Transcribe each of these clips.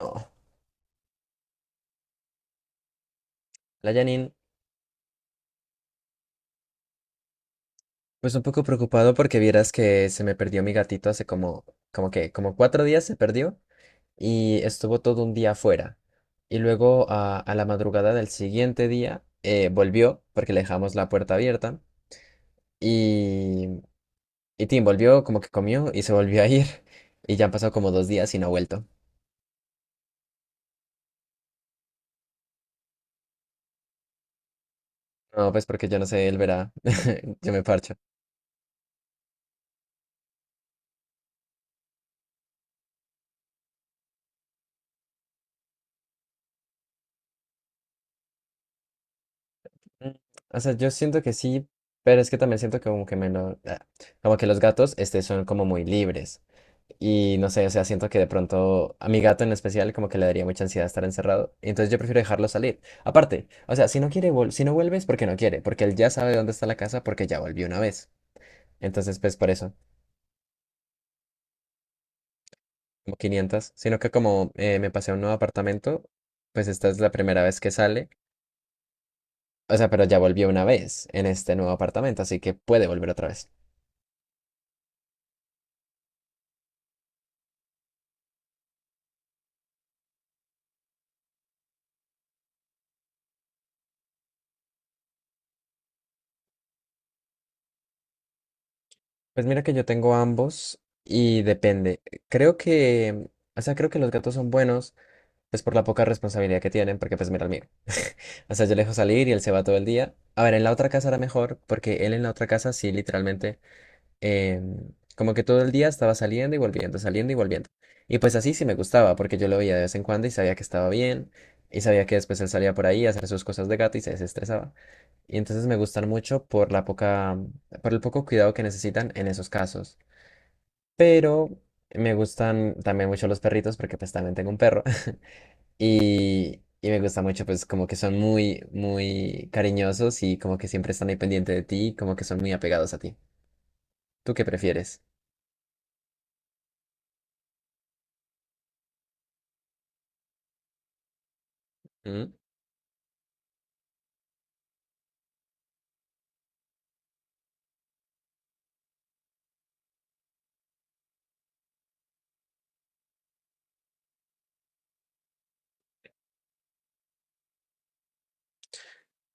No. Hola Janine, pues un poco preocupado porque vieras que se me perdió mi gatito hace como, como que, como 4 días se perdió y estuvo todo un día afuera. Y luego a la madrugada del siguiente día volvió porque le dejamos la puerta abierta y, y Tim volvió como que comió y se volvió a ir y ya han pasado como 2 días y no ha vuelto. No, pues porque yo no sé, él verá, yo me parcho. Mm, o sea, yo siento que sí, pero es que también siento que como que me lo, ah, como que los gatos este, son como muy libres. Y no sé, o sea, siento que de pronto a mi gato en especial como que le daría mucha ansiedad estar encerrado. Entonces yo prefiero dejarlo salir. Aparte, o sea, si no quiere, si no vuelve es porque no quiere, porque él ya sabe dónde está la casa porque ya volvió una vez. Entonces, pues por eso, como 500. Sino que como me pasé a un nuevo apartamento, pues esta es la primera vez que sale. O sea, pero ya volvió una vez en este nuevo apartamento, así que puede volver otra vez. Pues mira que yo tengo ambos y depende. Creo que, o sea, creo que los gatos son buenos, pues por la poca responsabilidad que tienen, porque pues mira el mío. O sea, yo le dejo salir y él se va todo el día. A ver, en la otra casa era mejor, porque él en la otra casa sí, literalmente eh, como que todo el día estaba saliendo y volviendo, saliendo y volviendo. Y pues así sí me gustaba, porque yo lo veía de vez en cuando y sabía que estaba bien, y sabía que después él salía por ahí a hacer sus cosas de gato y se desestresaba. Y entonces me gustan mucho por la poca, por el poco cuidado que necesitan en esos casos. Pero me gustan también mucho los perritos, porque pues también tengo un perro. Y me gusta mucho, pues como que son muy, muy cariñosos y como que siempre están ahí pendiente de ti, como que son muy apegados a ti. ¿Tú qué prefieres?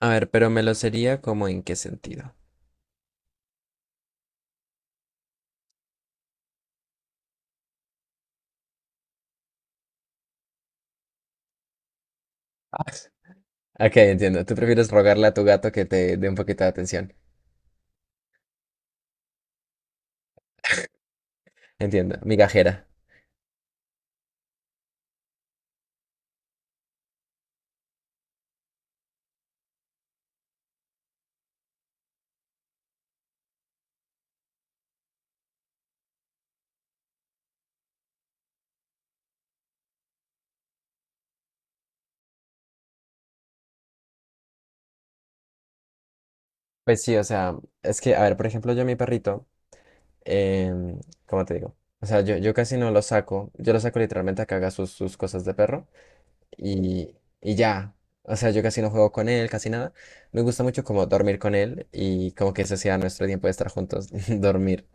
A ver, pero me lo sería como en qué sentido. Ah, ok, entiendo. Tú prefieres rogarle a tu gato que te dé un poquito de atención. Entiendo. Migajera. Pues sí, o sea, es que, a ver, por ejemplo, yo a mi perrito, em, ¿cómo te digo? O sea, yo casi no lo saco. Yo lo saco literalmente a que haga sus, sus cosas de perro y, y ya. O sea, yo casi no juego con él, casi nada. Me gusta mucho como dormir con él y como que ese sea nuestro tiempo de estar juntos, dormir.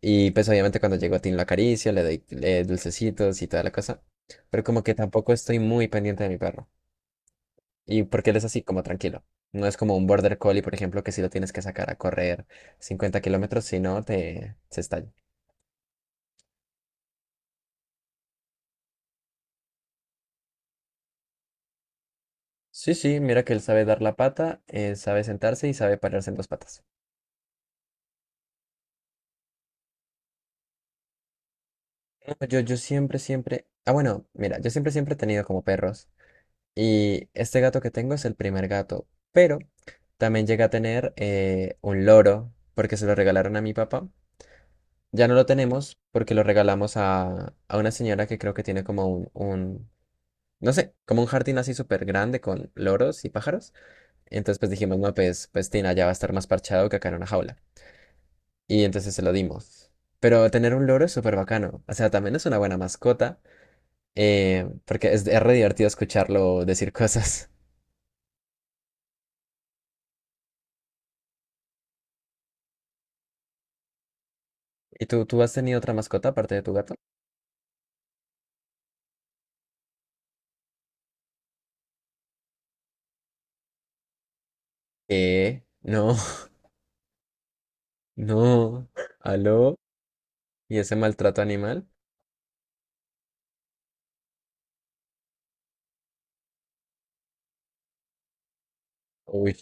Y pues obviamente cuando llego a Tim lo acaricio, le doy dulcecitos y toda la cosa. Pero como que tampoco estoy muy pendiente de mi perro. Y porque él es así, como tranquilo. No es como un border collie, por ejemplo, que si lo tienes que sacar a correr 50 kilómetros, si no, te se estalla. Sí, sí, mira que él sabe dar la pata, sabe sentarse y sabe pararse en dos patas. No, yo siempre, siempre. Ah, bueno, mira, yo siempre, siempre he tenido como perros. Y este gato que tengo es el primer gato, pero también llegué a tener un loro porque se lo regalaron a mi papá. Ya no lo tenemos porque lo regalamos a una señora que creo que tiene como un, no sé, como un jardín así súper grande con loros y pájaros. Entonces pues dijimos, no, pues, pues Tina ya va a estar más parchado que acá en una jaula. Y entonces se lo dimos. Pero tener un loro es súper bacano. O sea, también es una buena mascota porque es re divertido escucharlo decir cosas. ¿Y tú has tenido otra mascota aparte de tu gato? No, no. ¿Aló? ¿Y ese maltrato animal? Uy,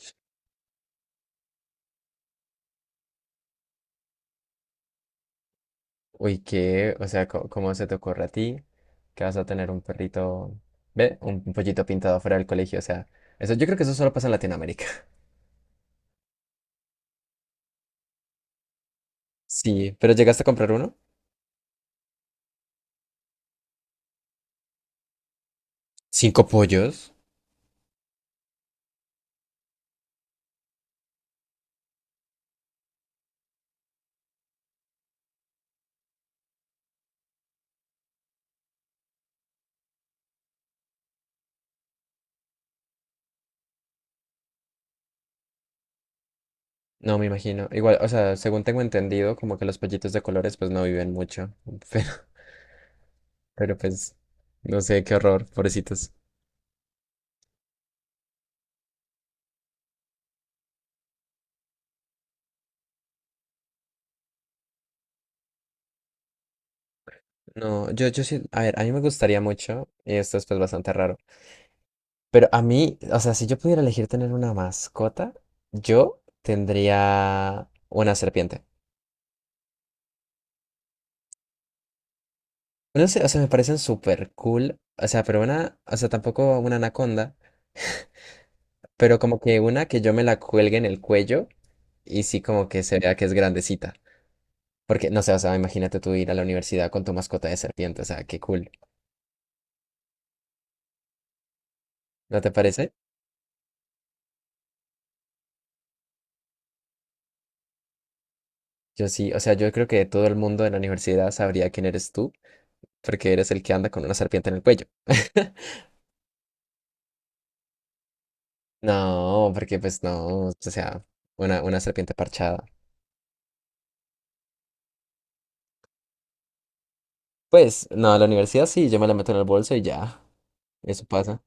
uy, ¿qué? O sea, ¿cómo, se te ocurre a ti que vas a tener un perrito, ve, un pollito pintado fuera del colegio? O sea, eso, yo creo que eso solo pasa en Latinoamérica. Sí, ¿pero llegaste a comprar uno? ¿Cinco pollos? No, me imagino. Igual, o sea, según tengo entendido, como que los pollitos de colores pues no viven mucho. Pero, pero pues, no sé, qué horror, pobrecitos. No, yo sí, a ver, a mí me gustaría mucho, y esto es pues bastante raro, pero a mí, o sea, si yo pudiera elegir tener una mascota, yo tendría una serpiente. No sé, o sea, me parecen súper cool, o sea, pero una, o sea, tampoco una anaconda, pero como que una que yo me la cuelgue en el cuello y sí como que se vea que es grandecita. Porque, no sé, o sea, imagínate tú ir a la universidad con tu mascota de serpiente, o sea, qué cool, ¿no te parece? Yo sí, o sea, yo creo que todo el mundo en la universidad sabría quién eres tú porque eres el que anda con una serpiente en el cuello. No, porque pues no, o sea, una serpiente parchada. Pues no, a la universidad sí, yo me la meto en el bolso y ya, eso pasa.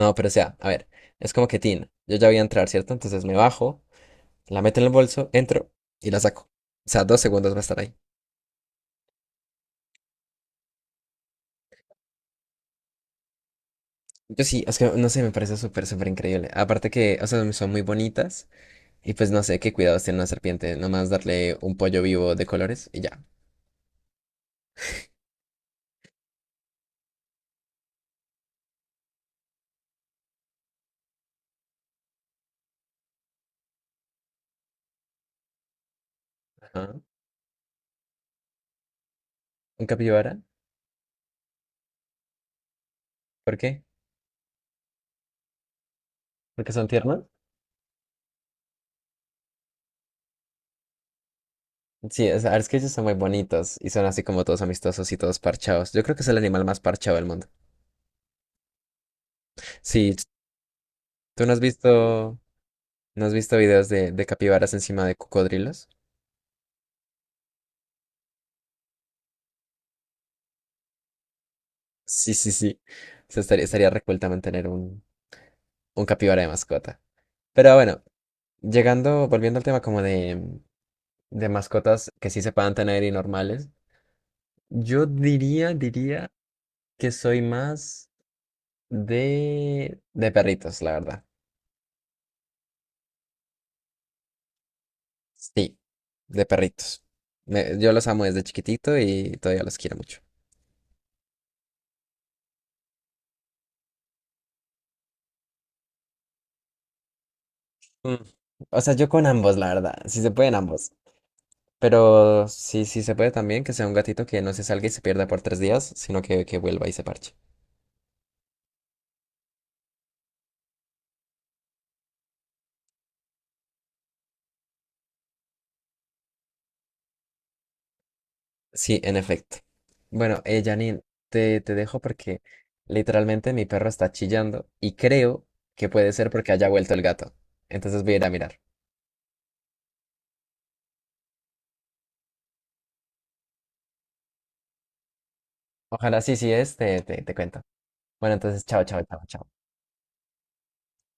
No, pero o sea, a ver, es como que Tin, yo ya voy a entrar, ¿cierto? Entonces me bajo, la meto en el bolso, entro y la saco. O sea, dos segundos va a estar ahí. Yo sí, es que no sé, me parece súper, súper increíble. Aparte que, o sea, son muy bonitas y pues no sé qué cuidados tiene una serpiente, nomás darle un pollo vivo de colores y ya. Ajá. ¿Un capibara? ¿Por qué? Porque son tiernos. Sí, es que ellos son muy bonitos y son así como todos amistosos y todos parchados. Yo creo que es el animal más parchado del mundo. Sí, ¿tú no has visto, no has visto videos de capibaras encima de cocodrilos? Sí, sí, sí. O sea, estaría, estaría reculta mantener un capibara de mascota. Pero bueno, llegando, volviendo al tema como de mascotas que sí se puedan tener y normales, yo diría, diría que soy más de perritos, la verdad. Sí, de perritos. Me- yo los amo desde chiquitito y todavía los quiero mucho. Mm. O sea, yo con ambos, la verdad. Si se pueden ambos. Pero sí, sí se puede también que sea un gatito que no se salga y se pierda por 3 días, sino que vuelva y se parche. Sí, en efecto. Bueno, Janine, te dejo porque literalmente mi perro está chillando y creo que puede ser porque haya vuelto el gato. Entonces voy a ir a mirar. Ojalá sí, sí es, te cuento. Bueno, entonces, chao, chao, chao, chao.